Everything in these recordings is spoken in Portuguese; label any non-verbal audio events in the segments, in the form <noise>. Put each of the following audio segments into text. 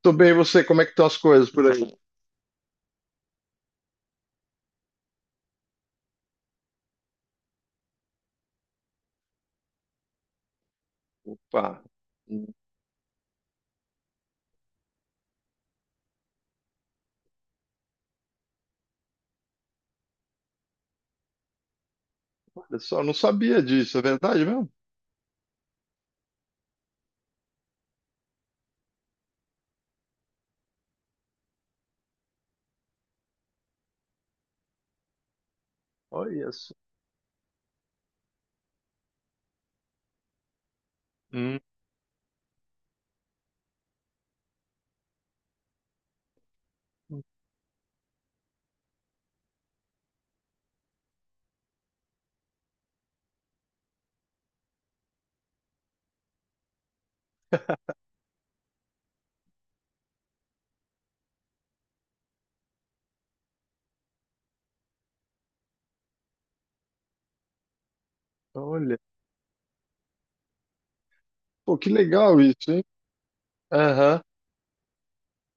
Tô bem, e você? Como é que estão as coisas por aí? Pá, olha só, não sabia disso, é verdade mesmo? Olha só. Hum, Olha. Pô, que legal isso, hein? Aham.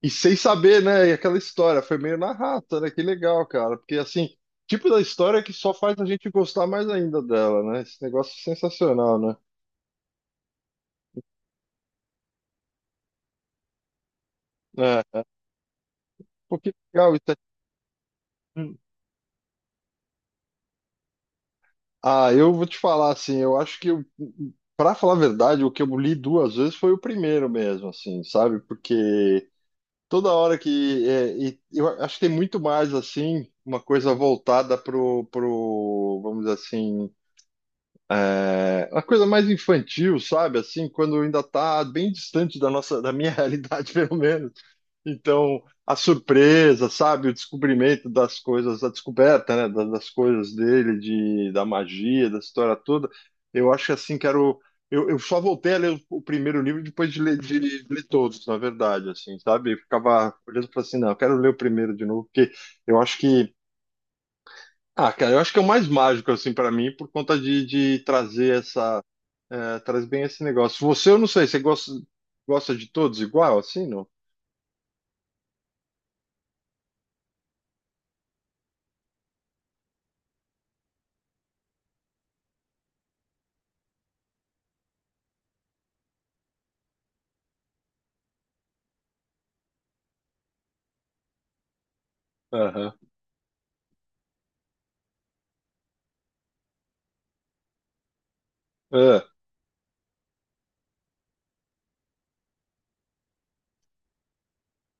E sem saber, né? E aquela história, foi meio na rata, né? Que legal, cara. Porque, assim, tipo da história que só faz a gente gostar mais ainda dela, né? Esse negócio é sensacional, né? É. Pô, que legal isso. Hum. Ah, eu vou te falar, assim, eu acho que, eu, pra falar a verdade, o que eu li duas vezes foi o primeiro mesmo, assim, sabe? Porque. Toda hora que é, e eu acho que tem muito mais assim uma coisa voltada pro vamos dizer assim é, uma coisa mais infantil sabe assim quando ainda tá bem distante da nossa da minha <laughs> realidade pelo menos então, a surpresa, sabe, o descobrimento das coisas, a descoberta, né, das coisas dele, da magia, da história toda, eu acho que assim, quero. Eu só voltei a ler o primeiro livro depois de ler todos, na verdade, assim, sabe? Eu ficava olhando para assim, não, eu quero ler o primeiro de novo, porque eu acho que. Ah, cara, eu acho que é o mais mágico, assim, para mim, por conta de trazer essa. Traz bem esse negócio. Você, eu não sei, você gosta de todos igual, assim, não? Aham. É.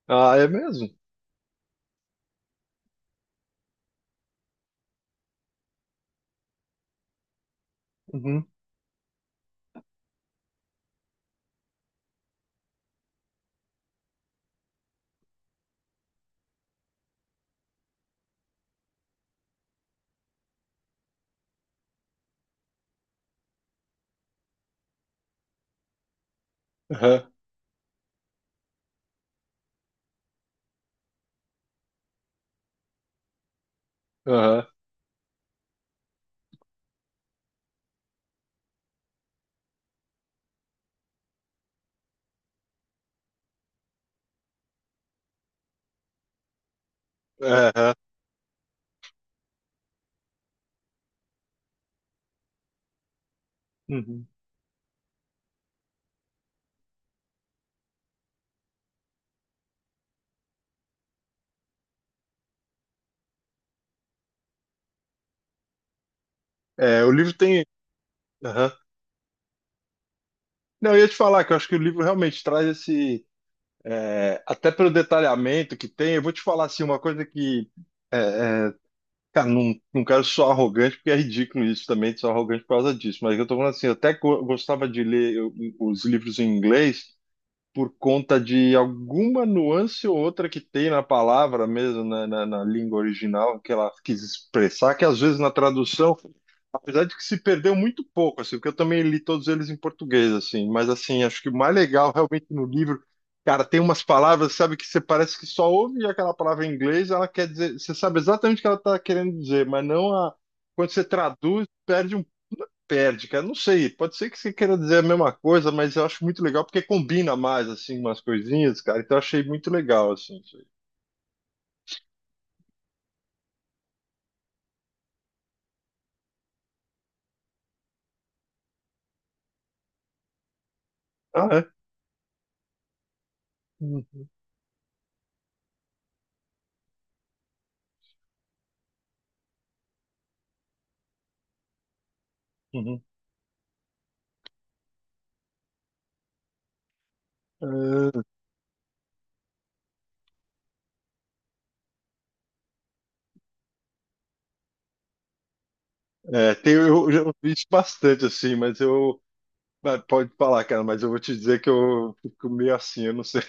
Ah, é mesmo? Uhum. Aham, aham, aham, uhum. É, o livro tem. Aham. Não, eu ia te falar que eu acho que o livro realmente traz esse. É, até pelo detalhamento que tem, eu vou te falar assim, uma coisa que. é, é, Cara, não quero ser arrogante, porque é ridículo isso também, de ser arrogante por causa disso, mas eu tô falando assim, eu até gostava de ler os livros em inglês. Por conta de alguma nuance ou outra que tem na palavra mesmo, né, na língua original, que ela quis expressar, que às vezes na tradução, apesar de que se perdeu muito pouco, assim, porque eu também li todos eles em português, assim, mas assim, acho que o mais legal realmente no livro, cara, tem umas palavras, sabe, que você parece que só ouve aquela palavra em inglês, ela quer dizer, você sabe exatamente o que ela está querendo dizer, mas não a. Quando você traduz, perde perde, cara. Não sei, pode ser que você queira dizer a mesma coisa, mas eu acho muito legal porque combina mais, assim, umas coisinhas, cara. Então eu achei muito legal, assim. Isso aí. Ah, é? Uhum, uhum. É, é, tem, eu já ouvi isso bastante, assim, mas eu. Mas pode falar, cara, mas eu vou te dizer que eu fico meio assim, eu não sei.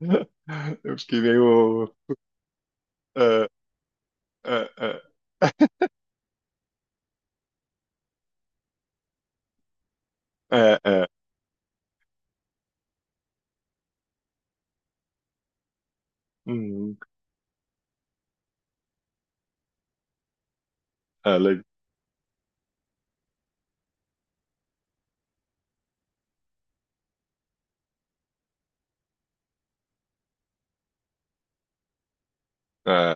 <laughs> Eu fiquei meio. É, é, é, é, é. Uhum. É, é,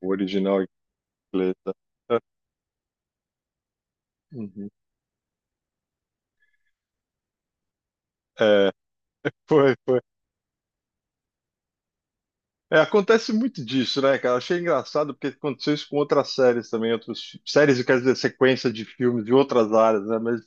o original em inglês. Tá? Uhum. É, foi, foi. É, acontece muito disso, né, cara? Achei engraçado porque aconteceu isso com outras séries também, outras séries, eu quero dizer, sequência de filmes de outras áreas, né? Mas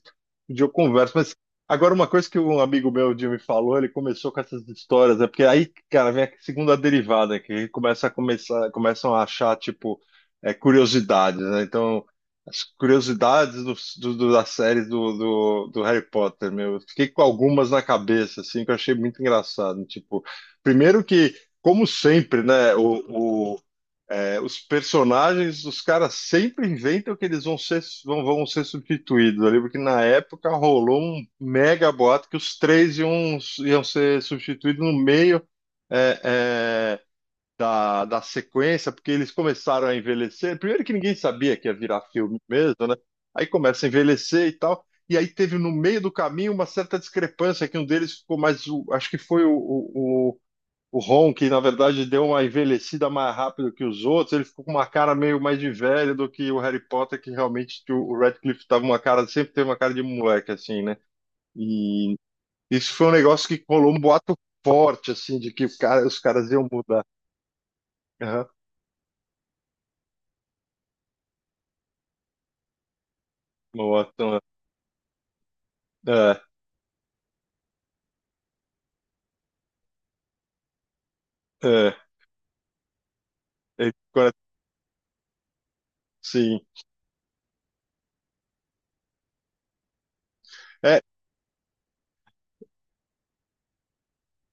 de dia eu converso. Mas agora, uma coisa que um amigo meu, o Jimmy, falou, ele começou com essas histórias, né? Porque aí, cara, vem a segunda derivada, né? Que começa a começar, começam a achar, tipo, é, curiosidades, né? Então, as curiosidades das séries do Harry Potter, meu. Eu fiquei com algumas na cabeça, assim, que eu achei muito engraçado. Tipo, primeiro que. Como sempre, né? Os personagens, os caras sempre inventam que eles vão ser, vão, vão ser substituídos ali, porque na época rolou um mega boato que os três iam ser substituídos no meio é, é, da sequência, porque eles começaram a envelhecer. Primeiro que ninguém sabia que ia virar filme mesmo, né? Aí começa a envelhecer e tal. E aí teve no meio do caminho uma certa discrepância que um deles ficou mais, acho que foi o- o Ron, que na verdade deu uma envelhecida mais rápido que os outros, ele ficou com uma cara meio mais de velho do que o Harry Potter, que realmente que o Radcliffe tava uma cara, sempre teve uma cara de moleque, assim, né? E isso foi um negócio que rolou um boato forte, assim, de que o cara, os caras iam mudar. Aham, um boato então, é, é, é, agora, sim. É,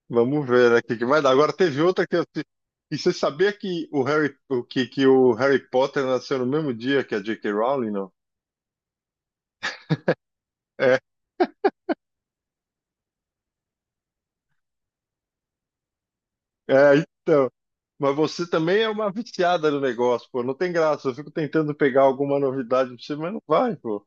vamos ver, né, o que que vai dar. Agora teve outra que eu. E você sabia que o Harry, o que, que o Harry Potter nasceu no mesmo dia que a J.K. Rowling, não? É. É, então. Mas você também é uma viciada no negócio, pô. Não tem graça. Eu fico tentando pegar alguma novidade pra você, mas não vai, pô.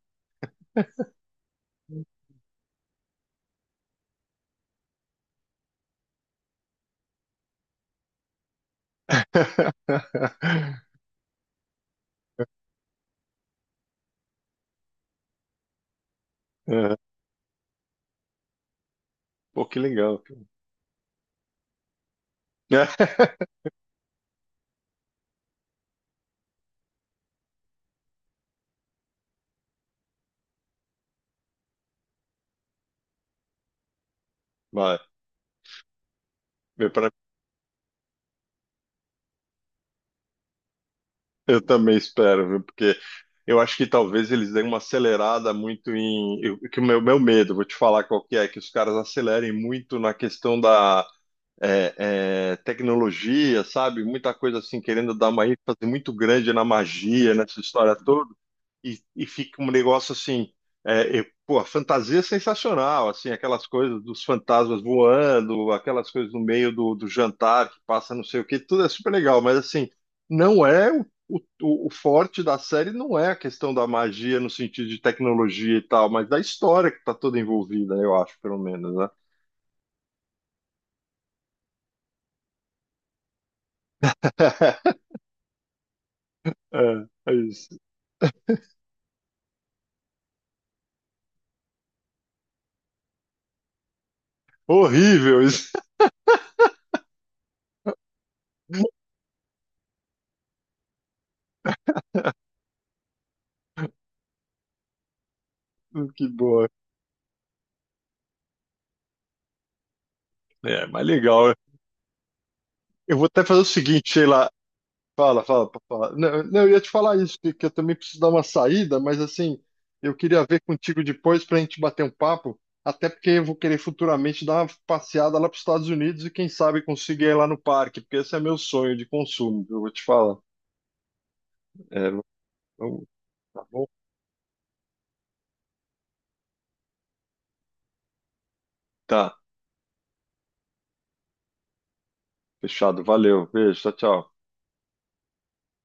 É. Pô, que legal, cara. <laughs> Vai. Eu, pra- eu também espero, viu? Porque eu acho que talvez eles deem uma acelerada muito em. Que o meu medo, vou te falar qual que é, que os caras acelerem muito na questão da tecnologia, sabe? Muita coisa assim, querendo dar uma ênfase muito grande na magia, nessa história toda. E fica um negócio assim, pô, a fantasia é sensacional, assim, aquelas coisas dos fantasmas voando, aquelas coisas no meio do jantar que passa não sei o que, tudo é super legal, mas assim, não é o forte da série não é a questão da magia no sentido de tecnologia e tal, mas da história que está toda envolvida, eu acho, pelo menos, né? <laughs> É, é isso. Horrível isso. <laughs> Que boa. É, mas legal. Eu vou até fazer o seguinte, sei lá. Fala, fala, fala. Não, eu ia te falar isso, que eu também preciso dar uma saída, mas assim, eu queria ver contigo depois para a gente bater um papo, até porque eu vou querer futuramente dar uma passeada lá para os Estados Unidos e quem sabe conseguir ir lá no parque, porque esse é meu sonho de consumo, eu vou te falar. É, vamos- tá bom? Tá, fechado, valeu, beijo, tchau, tchau.